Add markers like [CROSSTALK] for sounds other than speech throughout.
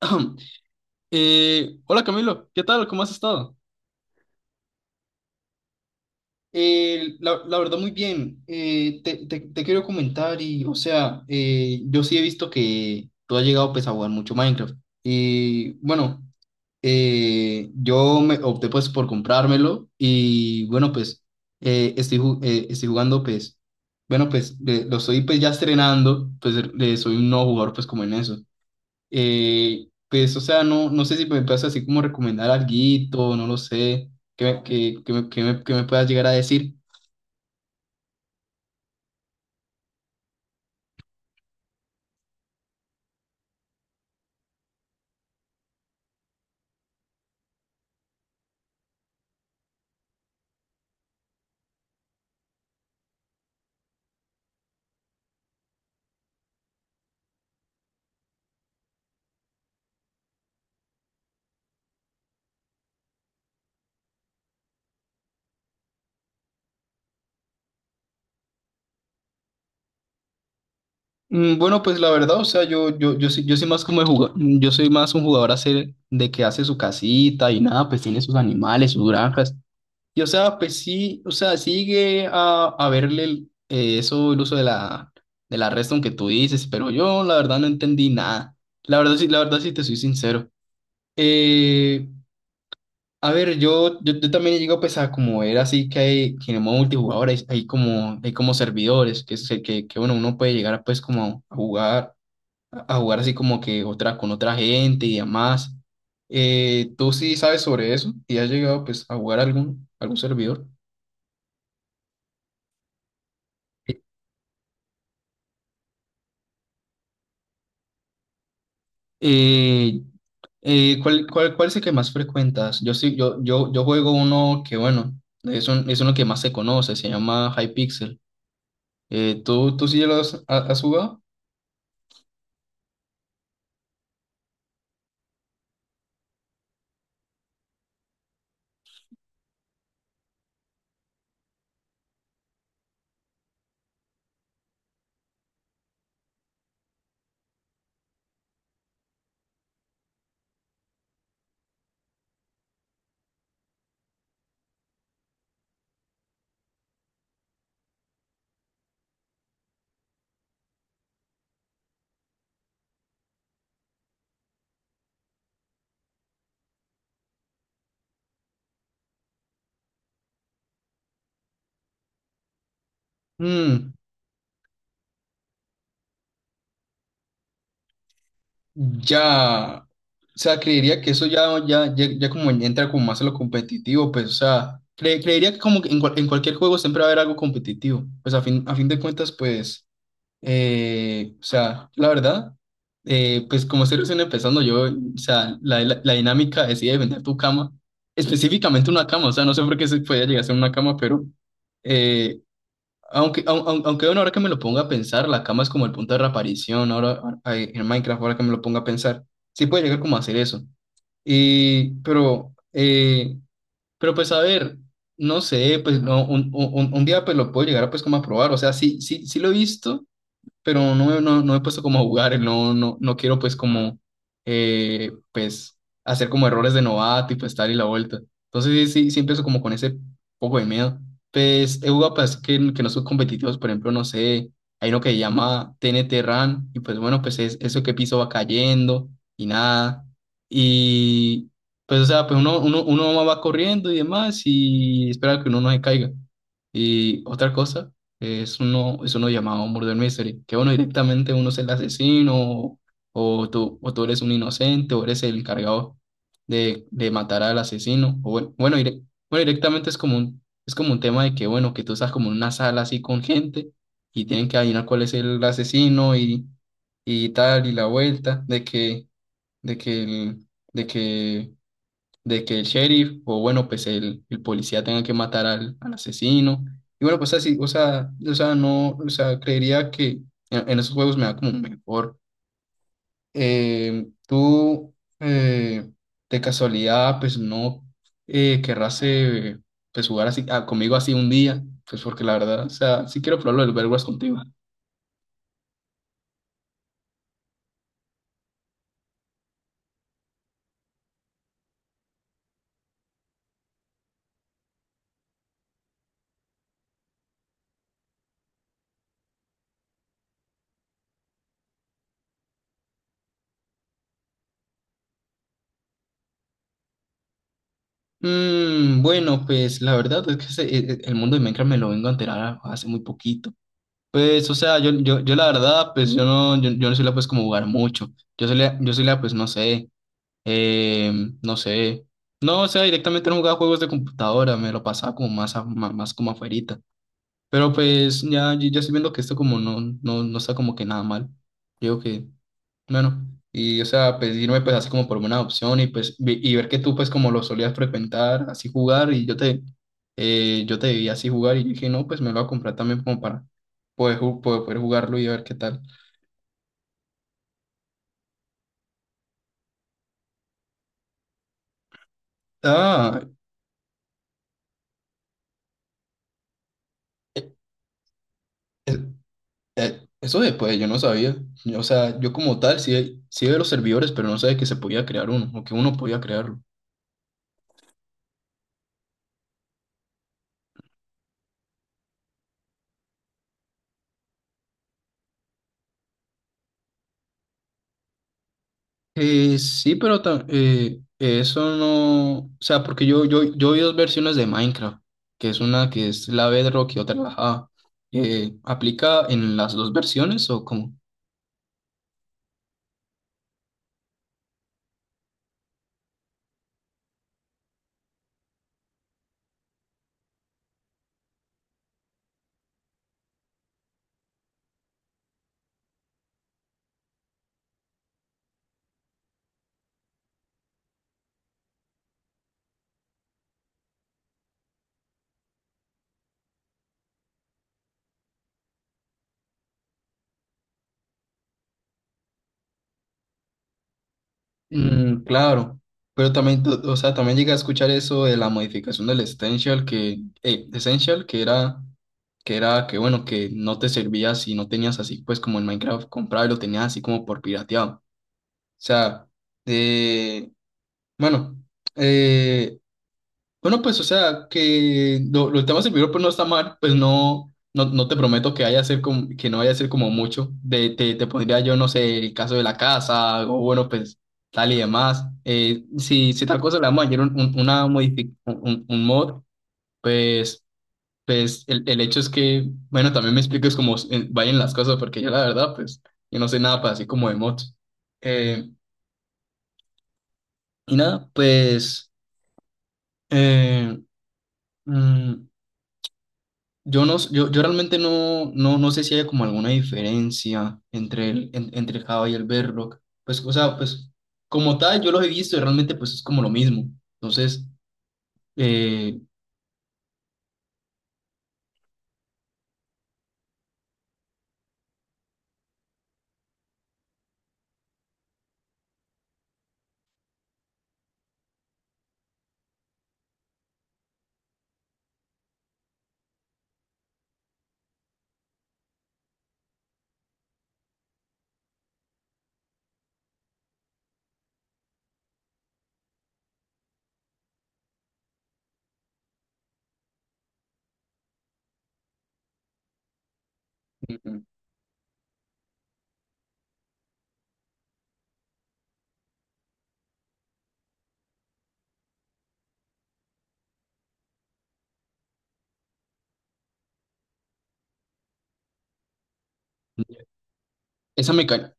[CLEARS THROAT] Hola Camilo, ¿qué tal? ¿Cómo has estado? La verdad, muy bien. Te quiero comentar yo sí he visto que tú has llegado, pues, a jugar mucho Minecraft. Y bueno, yo me opté, pues, por comprármelo y bueno, pues, estoy jugando, pues, bueno, lo estoy, pues, ya estrenando. Soy un nuevo jugador, pues, como en eso. O sea, no sé si me puedes así como recomendar alguito, no lo sé, que me puedas llegar a decir. Mm, bueno, pues la verdad, o sea, yo soy más como de jugador, yo soy más un jugador hacer de que hace su casita y nada, pues tiene sus animales, sus granjas. Y o sea, pues sí, o sea, sigue a verle eso, el uso de la redstone que tú dices, pero yo la verdad no entendí nada. La verdad sí te soy sincero. Eh, A ver, yo también llego pues a como era así que hay que en el modo multijugador hay, hay como servidores que bueno uno puede llegar a, pues como a jugar así como que otra con otra gente y demás. ¿Tú sí sabes sobre eso? ¿Y has llegado pues a jugar algún algún servidor? Eh, Cuál es el que más frecuentas? Yo sí, yo juego uno que bueno es uno que más se conoce, se llama Hypixel. ¿ Tú sí lo has jugado? Ya, o sea, creería que eso ya, ya como entra como más a lo competitivo, pues, o sea, creería que como que en, en cualquier juego siempre va a haber algo competitivo, pues a fin de cuentas, pues, o sea, la verdad, pues como estoy recién empezando, yo, o sea, la dinámica de si vender tu cama, específicamente una cama, o sea, no sé por qué se podía llegar a ser una cama, pero... eh, aunque, aunque bueno, ahora que me lo ponga a pensar, la cama es como el punto de reaparición ahora en Minecraft, ahora que me lo ponga a pensar. Sí puede llegar como a hacer eso. Y, pero pues a ver, no sé, pues no, un día pues lo puedo llegar a, pues como a probar. O sea, sí, sí, sí lo he visto pero no, no, no me he puesto como a jugar, no, no, no quiero pues como, pues, hacer como errores de novato y pues tal y la vuelta. Entonces sí, sí, sí empiezo como con ese poco de miedo. Pues he jugado pues que no son competitivos, por ejemplo, no sé, hay uno que se llama T N T Run y pues bueno, pues es eso que piso va cayendo y nada. Y pues o sea, pues uno va corriendo y demás y espera que uno no se caiga. Y otra cosa. Es uno llamado Murder Mystery, que uno directamente uno es el asesino o, o tú eres un inocente o eres el encargado de matar al asesino. O bueno, bueno, directamente es como un tema de que, bueno, que tú estás como en una sala así con gente y tienen que adivinar cuál es el asesino y tal y la vuelta de que, de que, el- de que de que el sheriff o bueno, pues el policía tenga que matar al, al asesino. Y bueno, pues así, o sea, no, o sea, creería que en esos juegos me da como mejor. Tú, eh, de casualidad, pues no querrás pues, jugar así, ah, conmigo así un día, pues porque la verdad, o sea, sí quiero probarlo del Overwatch contigo. Mm, bueno, pues la verdad es que el mundo de Minecraft me lo vengo a enterar hace muy poquito. Pues, o sea, yo la verdad, pues yo no, yo no suelo pues como jugar mucho. Yo solía pues no sé, eh, no sé. No, o sea, directamente no jugaba juegos de computadora, me lo pasaba como más, más, como afuerita. Pero pues ya, yo estoy viendo que esto como no, no, no está como que nada mal. Digo que bueno, y o sea, pedirme pues así como por una opción y pues y ver que tú pues como lo solías frecuentar, así jugar y yo te vi así jugar y dije, no, pues me lo voy a comprar también como para poder jugarlo y ver qué tal. Ah, eh, eh, eso después yo no sabía. O sea, yo como tal sí, sí veo los servidores, pero no sabía que se podía crear uno o que uno podía crearlo. Sí, pero eso no, o sea, porque yo vi dos versiones de Minecraft, que es una que es la Bedrock y otra la Java. ¿Aplica en las dos versiones o cómo? Mm, claro, pero también, o sea, también llegué a escuchar eso de la modificación del Essential, que, Essential, que era, que bueno, que no te servía si no tenías así, pues como en Minecraft comprado y lo tenías así como por pirateado. O sea, de, bueno, eh, bueno, pues, o sea, que lo estamos en vivo, pues no está mal, pues no, no, no te prometo que vaya a ser como, que no vaya a ser como mucho. De, te pondría yo, no sé, el caso de la casa, o bueno, pues tal y demás. Si, si tal cosa le vamos a añadir un- una modifi- un mod, pues, pues el hecho es que, bueno, también me expliques cómo vayan las cosas, porque yo la verdad, pues, yo no sé nada para así como de mods. Eh, y nada, pues, eh, mm, yo, no, yo realmente no, no, no sé si hay como alguna diferencia entre entre el Java y el Bedrock. Pues, o sea, pues como tal, yo los he visto y realmente pues es como lo mismo. Entonces, eh, ujú. Esa, meca-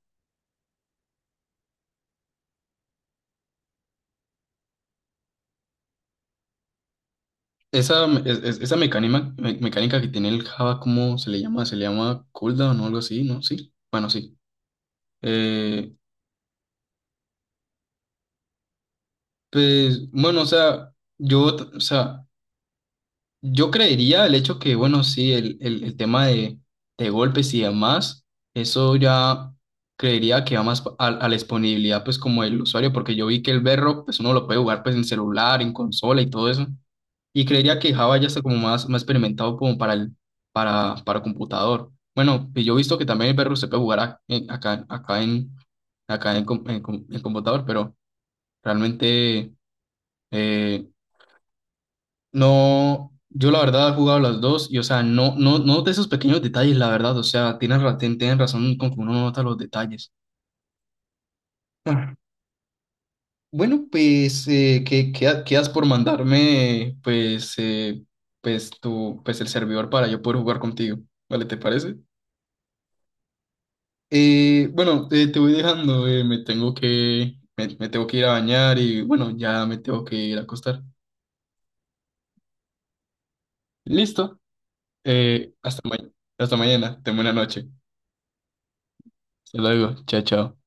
esa, me- es- Esa mecánica, mecánica que tiene el Java, ¿cómo se le llama? Se le llama cooldown o algo así, ¿no? Sí. Bueno, sí. Eh, pues, bueno, o sea, yo, t- o sea, yo creería el hecho que, bueno, sí, el tema de golpes y demás, eso ya creería que va más a la disponibilidad, pues, como del usuario, porque yo vi que el Berro, pues, uno lo puede jugar, pues, en celular, en consola y todo eso, y creería que Java ya está como más, más experimentado como para el, para computador. Bueno, y yo he visto que también el Berro se puede jugar acá, en computador, pero realmente... eh, no, yo la verdad he jugado las dos y, o sea, no, no, no de esos pequeños detalles, la verdad, o sea, tienen, tienen razón con que uno no nota los detalles. Ah, bueno, pues, ¿ qué has por mandarme, pues, pues, tu, pues, el servidor para yo poder jugar contigo? ¿Vale, te parece? Bueno, te voy dejando, me me tengo que ir a bañar y, bueno, ya me tengo que ir a acostar. Listo, eh, hasta mañana, hasta mañana, ten buena noche. Hasta luego, chao, chao.